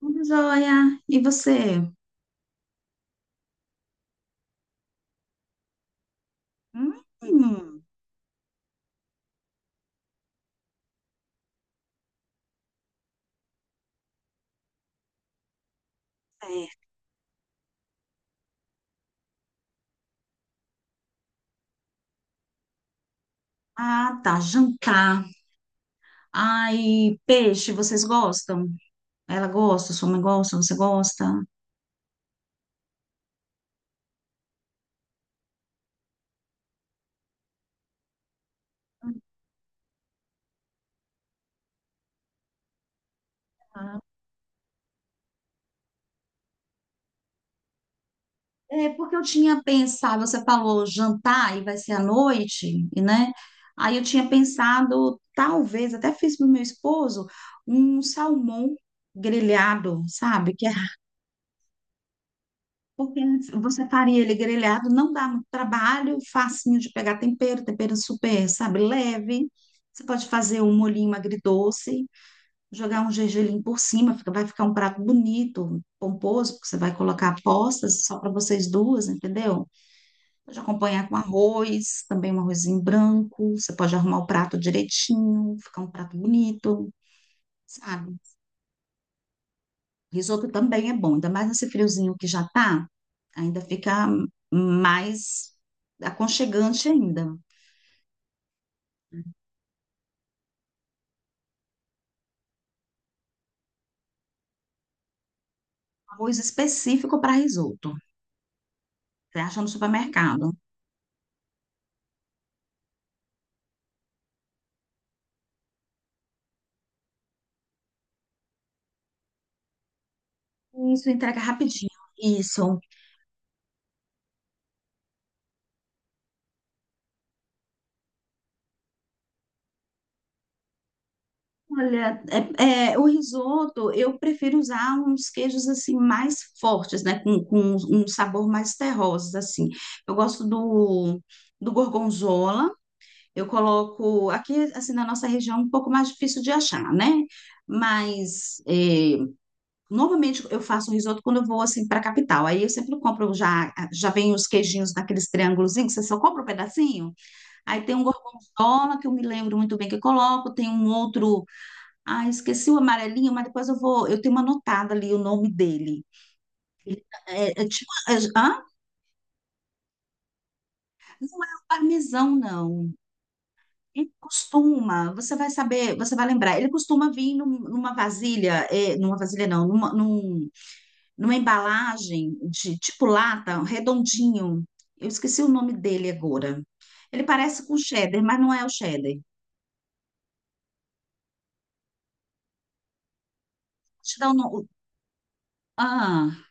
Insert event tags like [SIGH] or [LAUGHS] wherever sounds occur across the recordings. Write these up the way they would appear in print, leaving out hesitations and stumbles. Tudo Jóia, e você? Hum. Certo. Ah, tá, jantar. Ai, peixe, vocês gostam? Ela gosta, sua mãe gosta, você gosta? É, porque eu tinha pensado, você falou jantar e vai ser à noite, e, né? Aí eu tinha pensado, talvez, até fiz para o meu esposo, um salmão grelhado, sabe? Que é. Porque você faria ele grelhado, não dá muito trabalho, facinho de pegar tempero, tempero super, sabe, leve. Você pode fazer um molhinho agridoce, jogar um gergelim por cima, vai ficar um prato bonito, pomposo, porque você vai colocar apostas só para vocês duas, entendeu? Pode acompanhar com arroz, também um arrozinho branco, você pode arrumar o prato direitinho, ficar um prato bonito, sabe? Risoto também é bom, ainda mais nesse friozinho que já tá, ainda fica mais aconchegante ainda. Arroz específico para risoto. Você acha no supermercado. Isso entrega rapidinho. Isso. Olha, é, o risoto eu prefiro usar uns queijos assim mais fortes, né? Com um sabor mais terrosos, assim. Eu gosto do gorgonzola. Eu coloco aqui, assim, na nossa região, um pouco mais difícil de achar, né? Mas é, normalmente eu faço um risoto quando eu vou assim para a capital. Aí eu sempre compro já vem os queijinhos naqueles triângulozinhos, você só compra um pedacinho. Aí tem um gorgonzola que eu me lembro muito bem que eu coloco, tem um outro, ah, esqueci o amarelinho, mas depois eu vou, eu tenho anotado ali o nome dele. É, tipo, é, hã? Não é o parmesão, não. Ele costuma, você vai saber, você vai lembrar, ele costuma vir numa vasilha, é, numa vasilha não, numa embalagem de tipo lata, um redondinho. Eu esqueci o nome dele agora. Ele parece com cheddar, mas não é o cheddar. Deixa eu dar o nome. Ah,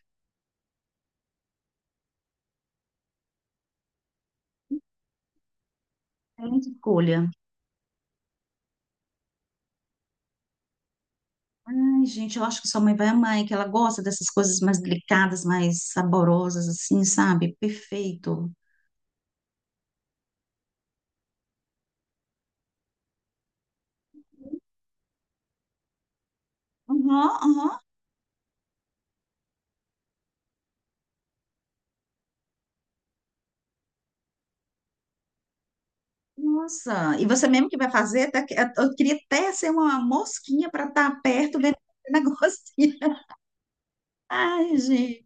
excelente escolha. Ai, gente, eu acho que sua mãe vai amar, hein, que ela gosta dessas coisas mais delicadas, mais saborosas, assim, sabe? Perfeito. Aham, aham. Nossa, e você mesmo que vai fazer, eu queria até ser uma mosquinha para estar perto vendo esse [LAUGHS] negocinho. Ai, gente.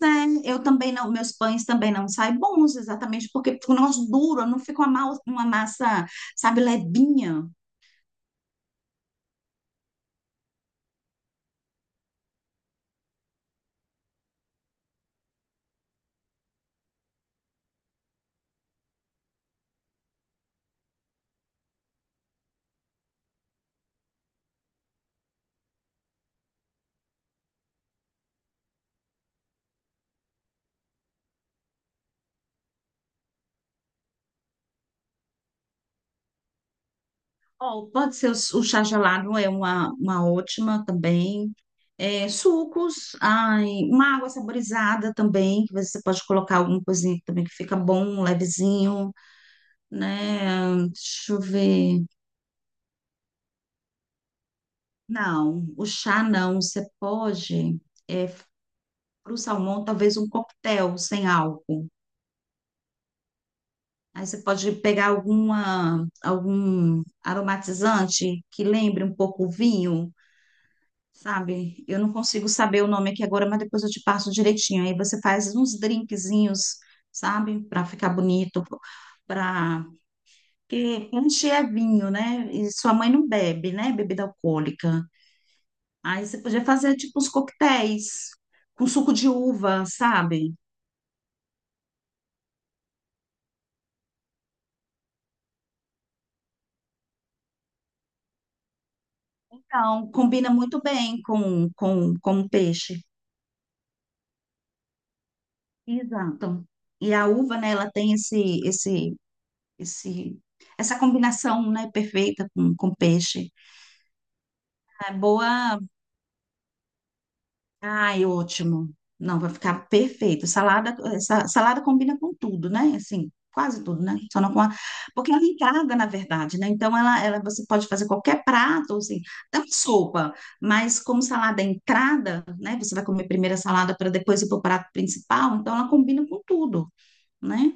Né? Eu também não, meus pães também não saem bons, exatamente porque ficam um negócio duro, não fica uma massa, sabe, levinha. Ó, pode ser o chá gelado, é uma ótima também. É, sucos, ai, uma água saborizada também, que você pode colocar alguma coisinha também que fica bom, levezinho, né? Deixa eu ver. Não, o chá não. Você pode, é, para o salmão, talvez um coquetel sem álcool. Aí você pode pegar alguma, algum aromatizante que lembre um pouco o vinho, sabe? Eu não consigo saber o nome aqui agora, mas depois eu te passo direitinho. Aí você faz uns drinkzinhos, sabe? Para ficar bonito, para... Porque punch é vinho, né? E sua mãe não bebe, né? Bebida alcoólica. Aí você podia fazer tipo uns coquetéis com suco de uva, sabe? Então, combina muito bem com o peixe. Exato. E a uva, né, ela tem esse, essa combinação, né, perfeita com peixe. É boa. Ai, ótimo. Não, vai ficar perfeito. Salada, essa, salada combina com tudo, né? Assim, quase tudo, né? Só não com a... Porque ela encarga, na verdade, né? Então, você pode fazer qualquer prato, assim, até uma sopa. Mas como salada é entrada, né? Você vai comer primeiro a salada para depois ir para o prato principal. Então, ela combina com tudo, né?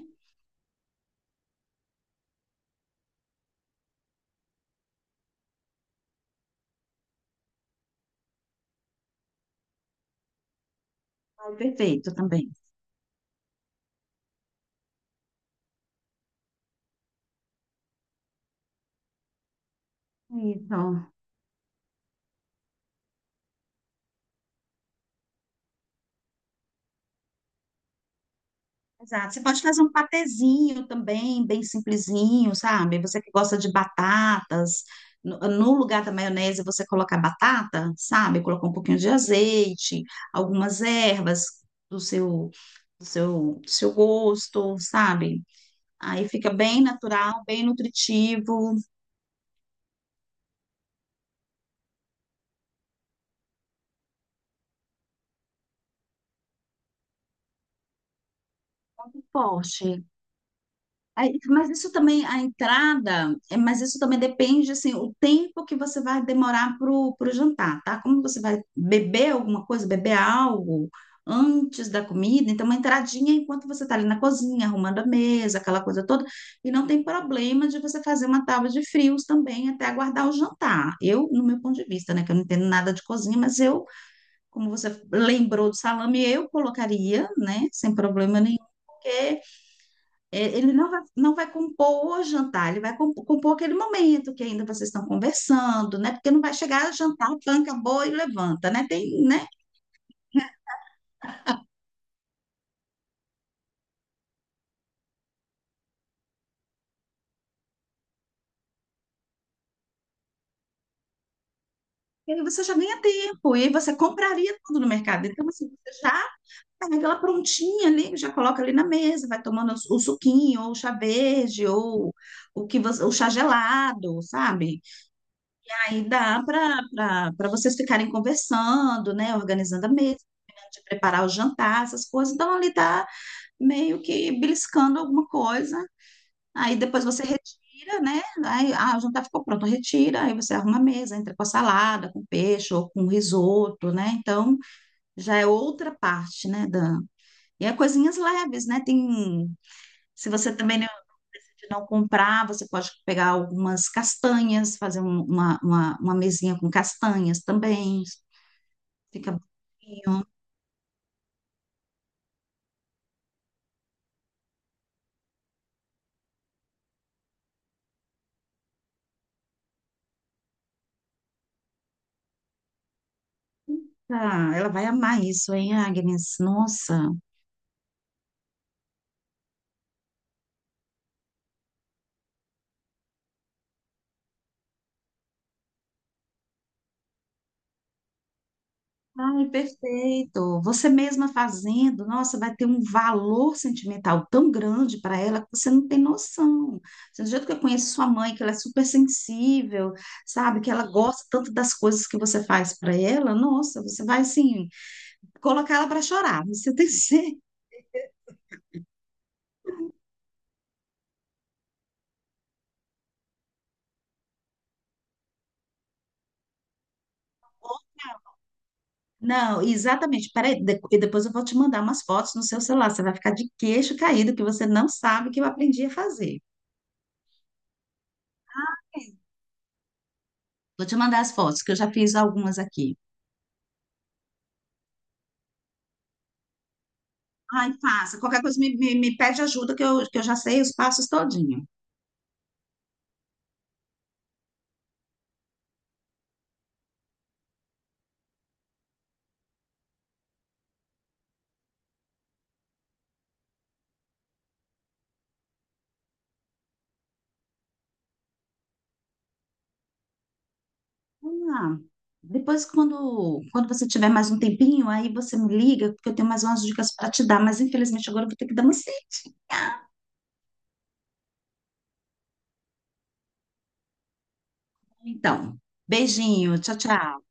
Ai, perfeito também. Isso. Exato. Você pode fazer um patezinho também, bem simplesinho, sabe? Você que gosta de batatas, no, no lugar da maionese você colocar batata, sabe? Colocar um pouquinho de azeite, algumas ervas do seu, do seu gosto, sabe? Aí fica bem natural, bem nutritivo, forte. Aí, mas isso também, a entrada, é, mas isso também depende, assim, o tempo que você vai demorar pro, pro jantar, tá? Como você vai beber alguma coisa, beber algo antes da comida, então uma entradinha enquanto você tá ali na cozinha, arrumando a mesa, aquela coisa toda, e não tem problema de você fazer uma tábua de frios também até aguardar o jantar. Eu, no meu ponto de vista, né, que eu não entendo nada de cozinha, mas eu, como você lembrou do salame, eu colocaria, né, sem problema nenhum, porque ele não vai compor o jantar, ele vai compor aquele momento que ainda vocês estão conversando, né? Porque não vai chegar, jantar, tanca, boa e levanta, né? Tem, né? E aí você já ganha tempo, e aí você compraria tudo no mercado. Então, assim, você já pega ela prontinha ali, já coloca ali na mesa, vai tomando o suquinho, ou o chá verde, ou o que você, o chá gelado, sabe? Aí dá para vocês ficarem conversando, né? Organizando a mesa, de preparar o jantar, essas coisas. Então, ali tá meio que beliscando alguma coisa. Aí depois você retira, né? Aí ah, o jantar ficou pronto, retira, aí você arruma a mesa, entra com a salada, com peixe ou com risoto, né? Então já é outra parte, né, Dan? E é coisinhas leves, né? Tem, se você também não decidir não comprar, você pode pegar algumas castanhas, fazer uma mesinha com castanhas também. Fica bonitinho. Ah, ela vai amar isso, hein, Agnes? Nossa. Ai, perfeito. Você mesma fazendo, nossa, vai ter um valor sentimental tão grande para ela que você não tem noção. Assim, do jeito que eu conheço sua mãe, que ela é super sensível, sabe? Que ela gosta tanto das coisas que você faz para ela, nossa, você vai assim, colocar ela para chorar, você [LAUGHS] tem certeza. Não, exatamente. Peraí, e depois eu vou te mandar umas fotos no seu celular. Você vai ficar de queixo caído, que você não sabe o que eu aprendi a fazer. Vou te mandar as fotos, que eu já fiz algumas aqui. Ai, faça. Qualquer coisa me pede ajuda que eu já sei os passos todinho. Ah, depois, quando você tiver mais um tempinho, aí você me liga, porque eu tenho mais umas dicas para te dar, mas infelizmente agora eu vou ter que dar uma saída. Então, beijinho, tchau, tchau.